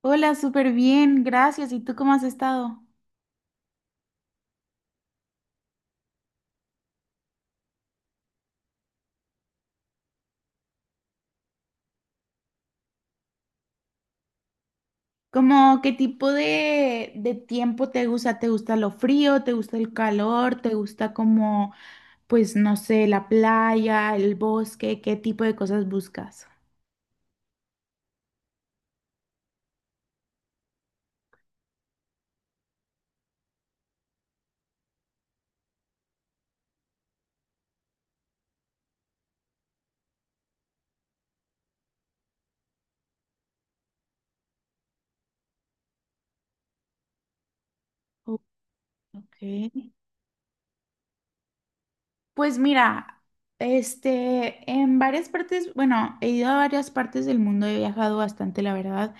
Hola, súper bien, gracias. ¿Y tú cómo has estado? ¿Cómo qué tipo de tiempo te gusta? ¿Te gusta lo frío? ¿Te gusta el calor? ¿Te gusta como, pues, no sé, la playa, el bosque? ¿Qué tipo de cosas buscas? Oh, ok. Pues mira, en varias partes, bueno, he ido a varias partes del mundo, he viajado bastante, la verdad,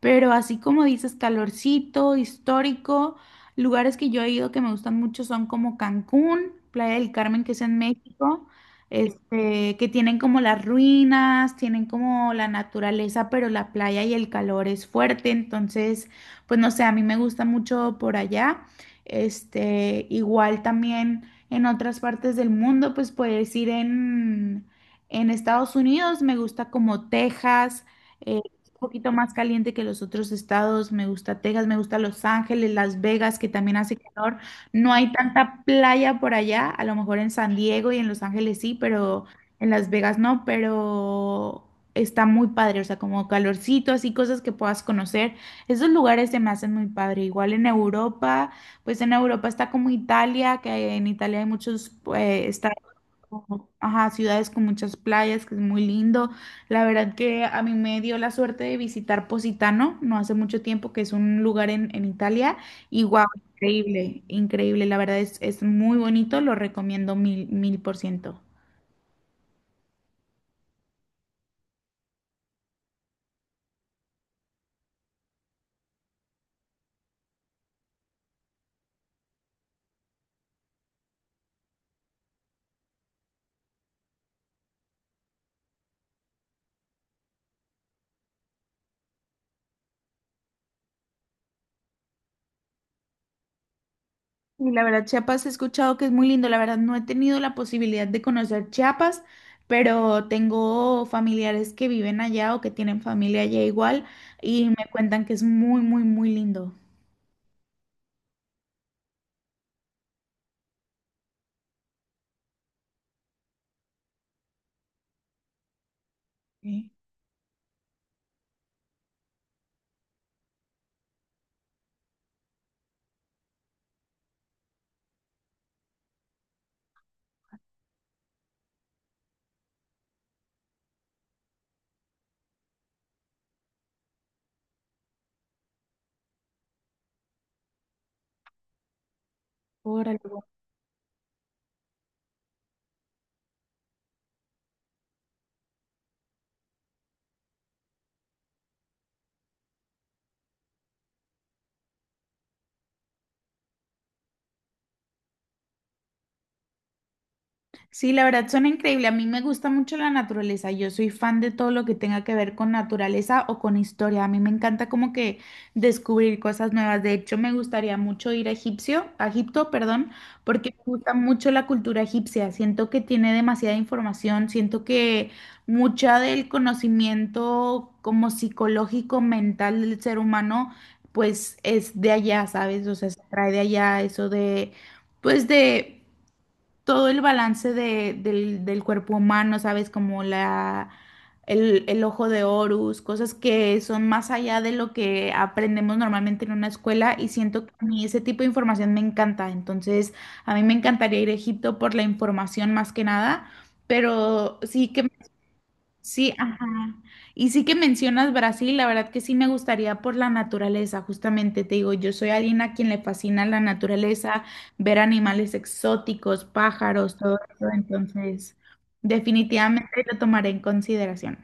pero así como dices, calorcito, histórico, lugares que yo he ido que me gustan mucho son como Cancún, Playa del Carmen, que es en México, que tienen como las ruinas, tienen como la naturaleza, pero la playa y el calor es fuerte, entonces, pues no sé, a mí me gusta mucho por allá, igual también en otras partes del mundo, pues puedes ir en Estados Unidos, me gusta como Texas, eh, un poquito más caliente que los otros estados, me gusta Texas, me gusta Los Ángeles, Las Vegas, que también hace calor, no hay tanta playa por allá, a lo mejor en San Diego y en Los Ángeles sí, pero en Las Vegas no, pero... Está muy padre, o sea, como calorcito, así cosas que puedas conocer. Esos lugares se me hacen muy padre. Igual en Europa, pues en Europa está como Italia, que en Italia hay muchos pues, estados, como- ajá, ciudades con muchas playas, que es muy lindo. La verdad que a mí me dio la suerte de visitar Positano no hace mucho tiempo, que es un lugar en Italia, y wow, increíble, increíble. La verdad es muy bonito, lo recomiendo mil, mil por ciento. Y la verdad, Chiapas he escuchado que es muy lindo. La verdad, no he tenido la posibilidad de conocer Chiapas, pero tengo familiares que viven allá o que tienen familia allá igual y me cuentan que es muy, muy, muy lindo. Sí. Órale. Sí, la verdad suena increíble. A mí me gusta mucho la naturaleza. Yo soy fan de todo lo que tenga que ver con naturaleza o con historia. A mí me encanta como que descubrir cosas nuevas. De hecho, me gustaría mucho ir a Egipcio, a Egipto, perdón, porque me gusta mucho la cultura egipcia. Siento que tiene demasiada información. Siento que mucha del conocimiento como psicológico, mental del ser humano, pues es de allá, ¿sabes? O sea, se trae de allá eso de, pues de todo el balance del cuerpo humano, ¿sabes? Como el ojo de Horus, cosas que son más allá de lo que aprendemos normalmente en una escuela y siento que a mí ese tipo de información me encanta. Entonces, a mí me encantaría ir a Egipto por la información más que nada, pero sí que sí, ajá. Y sí que mencionas Brasil, la verdad que sí me gustaría por la naturaleza, justamente te digo, yo soy alguien a quien le fascina la naturaleza, ver animales exóticos, pájaros, todo eso, entonces definitivamente lo tomaré en consideración.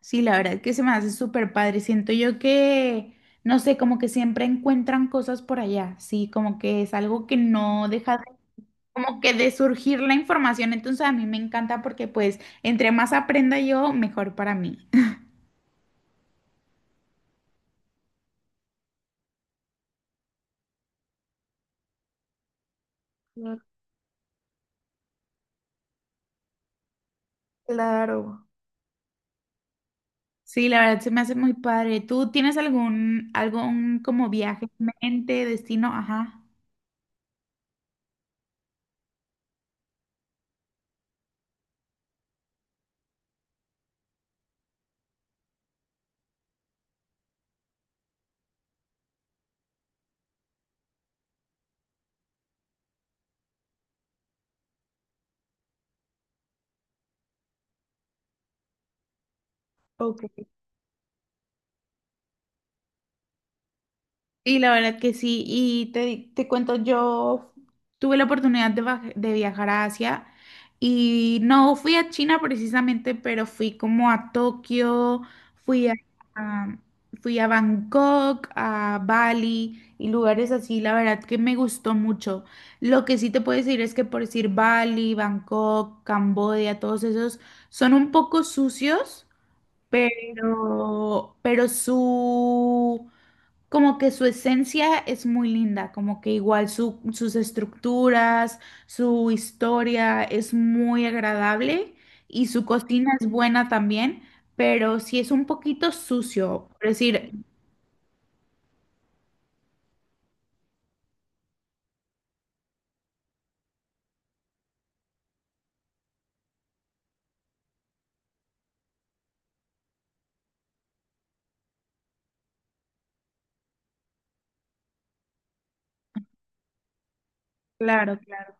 Sí, la verdad que se me hace súper padre, siento yo que, no sé, como que siempre encuentran cosas por allá, sí, como que es algo que no deja como que de surgir la información, entonces a mí me encanta porque pues entre más aprenda yo, mejor para mí. Claro. Claro. Sí, la verdad se me hace muy padre. ¿Tú tienes algún como viaje en mente, destino? Ajá. Ok. Y la verdad que sí, te cuento, yo tuve la oportunidad de, baj- de viajar a Asia y no fui a China precisamente, pero fui como a Tokio, fui a- fui a Bangkok, a Bali y lugares así, la verdad que me gustó mucho. Lo que sí te puedo decir es que por decir Bali, Bangkok, Camboya, todos esos son un poco sucios, pero su... Como que su esencia es muy linda, como que igual su- sus estructuras, su historia es muy agradable y su cocina es buena también, pero sí es un poquito sucio. Por decir, claro, claro.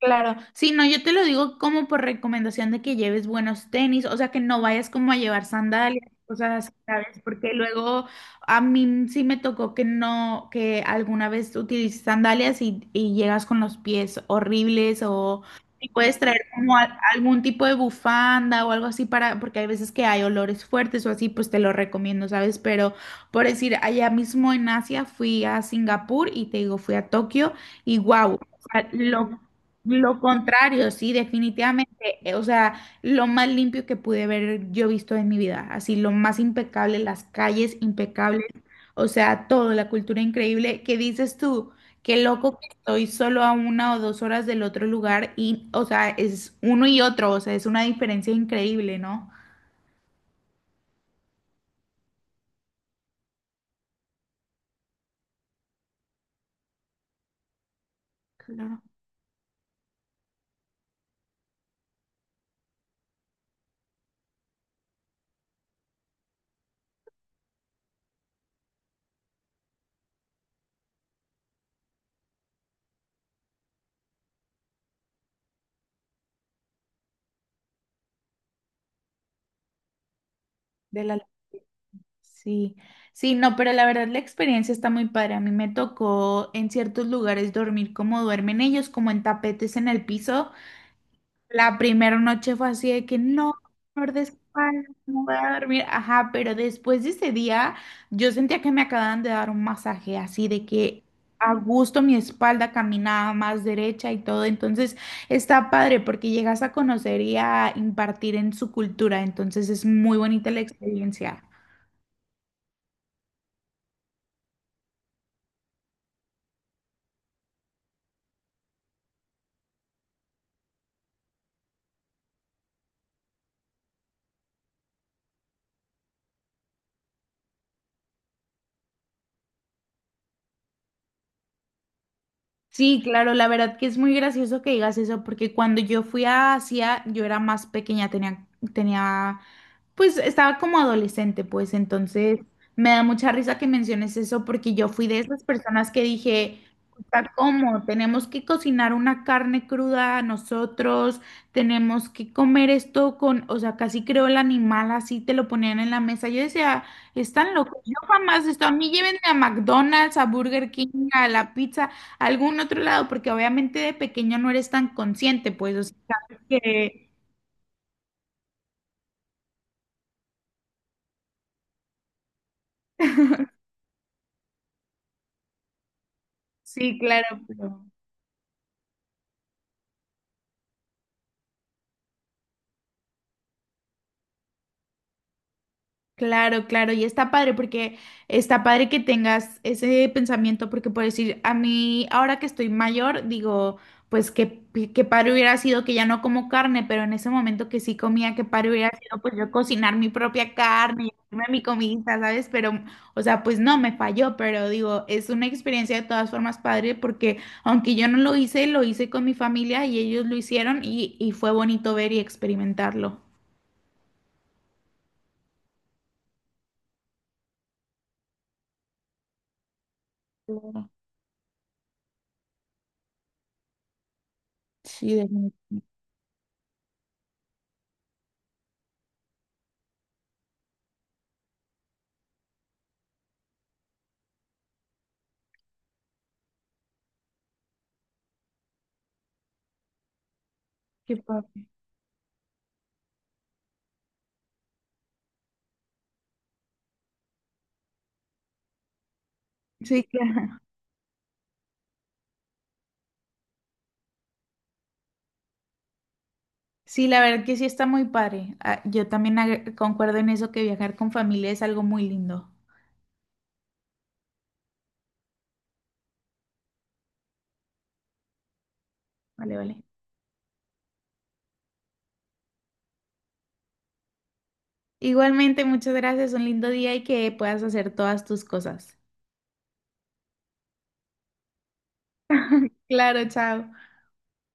Claro, sí, no, yo te lo digo como por recomendación de que lleves buenos tenis, o sea, que no vayas como a llevar sandalias, cosas así, ¿sabes? Porque luego a mí sí me tocó que no, que alguna vez utilices sandalias y llegas con los pies horribles o y puedes traer como a- algún tipo de bufanda o algo así para, porque hay veces que hay olores fuertes o así, pues te lo recomiendo, ¿sabes? Pero por decir, allá mismo en Asia fui a Singapur y te digo, fui a Tokio y wow. Sea, lo contrario, sí, definitivamente. O sea, lo más limpio que pude ver yo visto en mi vida. Así, lo más impecable, las calles impecables. O sea, todo, la cultura increíble. ¿Qué dices tú? Qué loco que estoy solo a una o dos horas del otro lugar y, o sea, es uno y otro. O sea, es una diferencia increíble, ¿no? Claro, de la... Sí, sí, no, pero la verdad la experiencia está muy padre. A mí me tocó en ciertos lugares dormir como duermen ellos, como en tapetes en el piso. La primera noche fue así de que no, dolor de espalda, no voy a dormir. Ajá, pero después de ese día yo sentía que me acababan de dar un masaje, así de que a gusto mi espalda caminaba más derecha y todo. Entonces está padre porque llegas a conocer y a impartir en su cultura. Entonces es muy bonita la experiencia. Sí, claro, la verdad que es muy gracioso que digas eso porque cuando yo fui a Asia yo era más pequeña, tenía, tenía pues estaba como adolescente, pues entonces me da mucha risa que menciones eso porque yo fui de esas personas que dije, "Puta, ¿cómo? Tenemos que cocinar una carne cruda nosotros, tenemos que comer esto con, o sea, casi creo el animal así te lo ponían en la mesa. Yo decía, están locos, yo jamás esto, a mí llévenme a McDonald's, a Burger King, a la pizza, a algún otro lado, porque obviamente de pequeño no eres tan consciente, pues, o sea, sabes que sí, claro, pero... Claro, claro, y está padre porque está padre que tengas ese pensamiento porque por decir, a mí ahora que estoy mayor, digo, pues que, que padre hubiera sido que ya no como carne, pero en ese momento que sí comía, que padre hubiera sido pues yo cocinar mi propia carne y hacerme mi comida, ¿sabes? Pero, o sea, pues no, me falló, pero digo, es una experiencia de todas formas padre porque aunque yo no lo hice, lo hice con mi familia y ellos lo hicieron y fue bonito ver y experimentarlo. Claro. Sí, definitivamente. Qué padre. Sí, claro. Sí, la verdad que sí está muy padre. Ah, yo también ag- concuerdo en eso que viajar con familia es algo muy lindo. Vale, vale. Igualmente, muchas gracias. Un lindo día y que puedas hacer todas tus cosas. Claro, chao.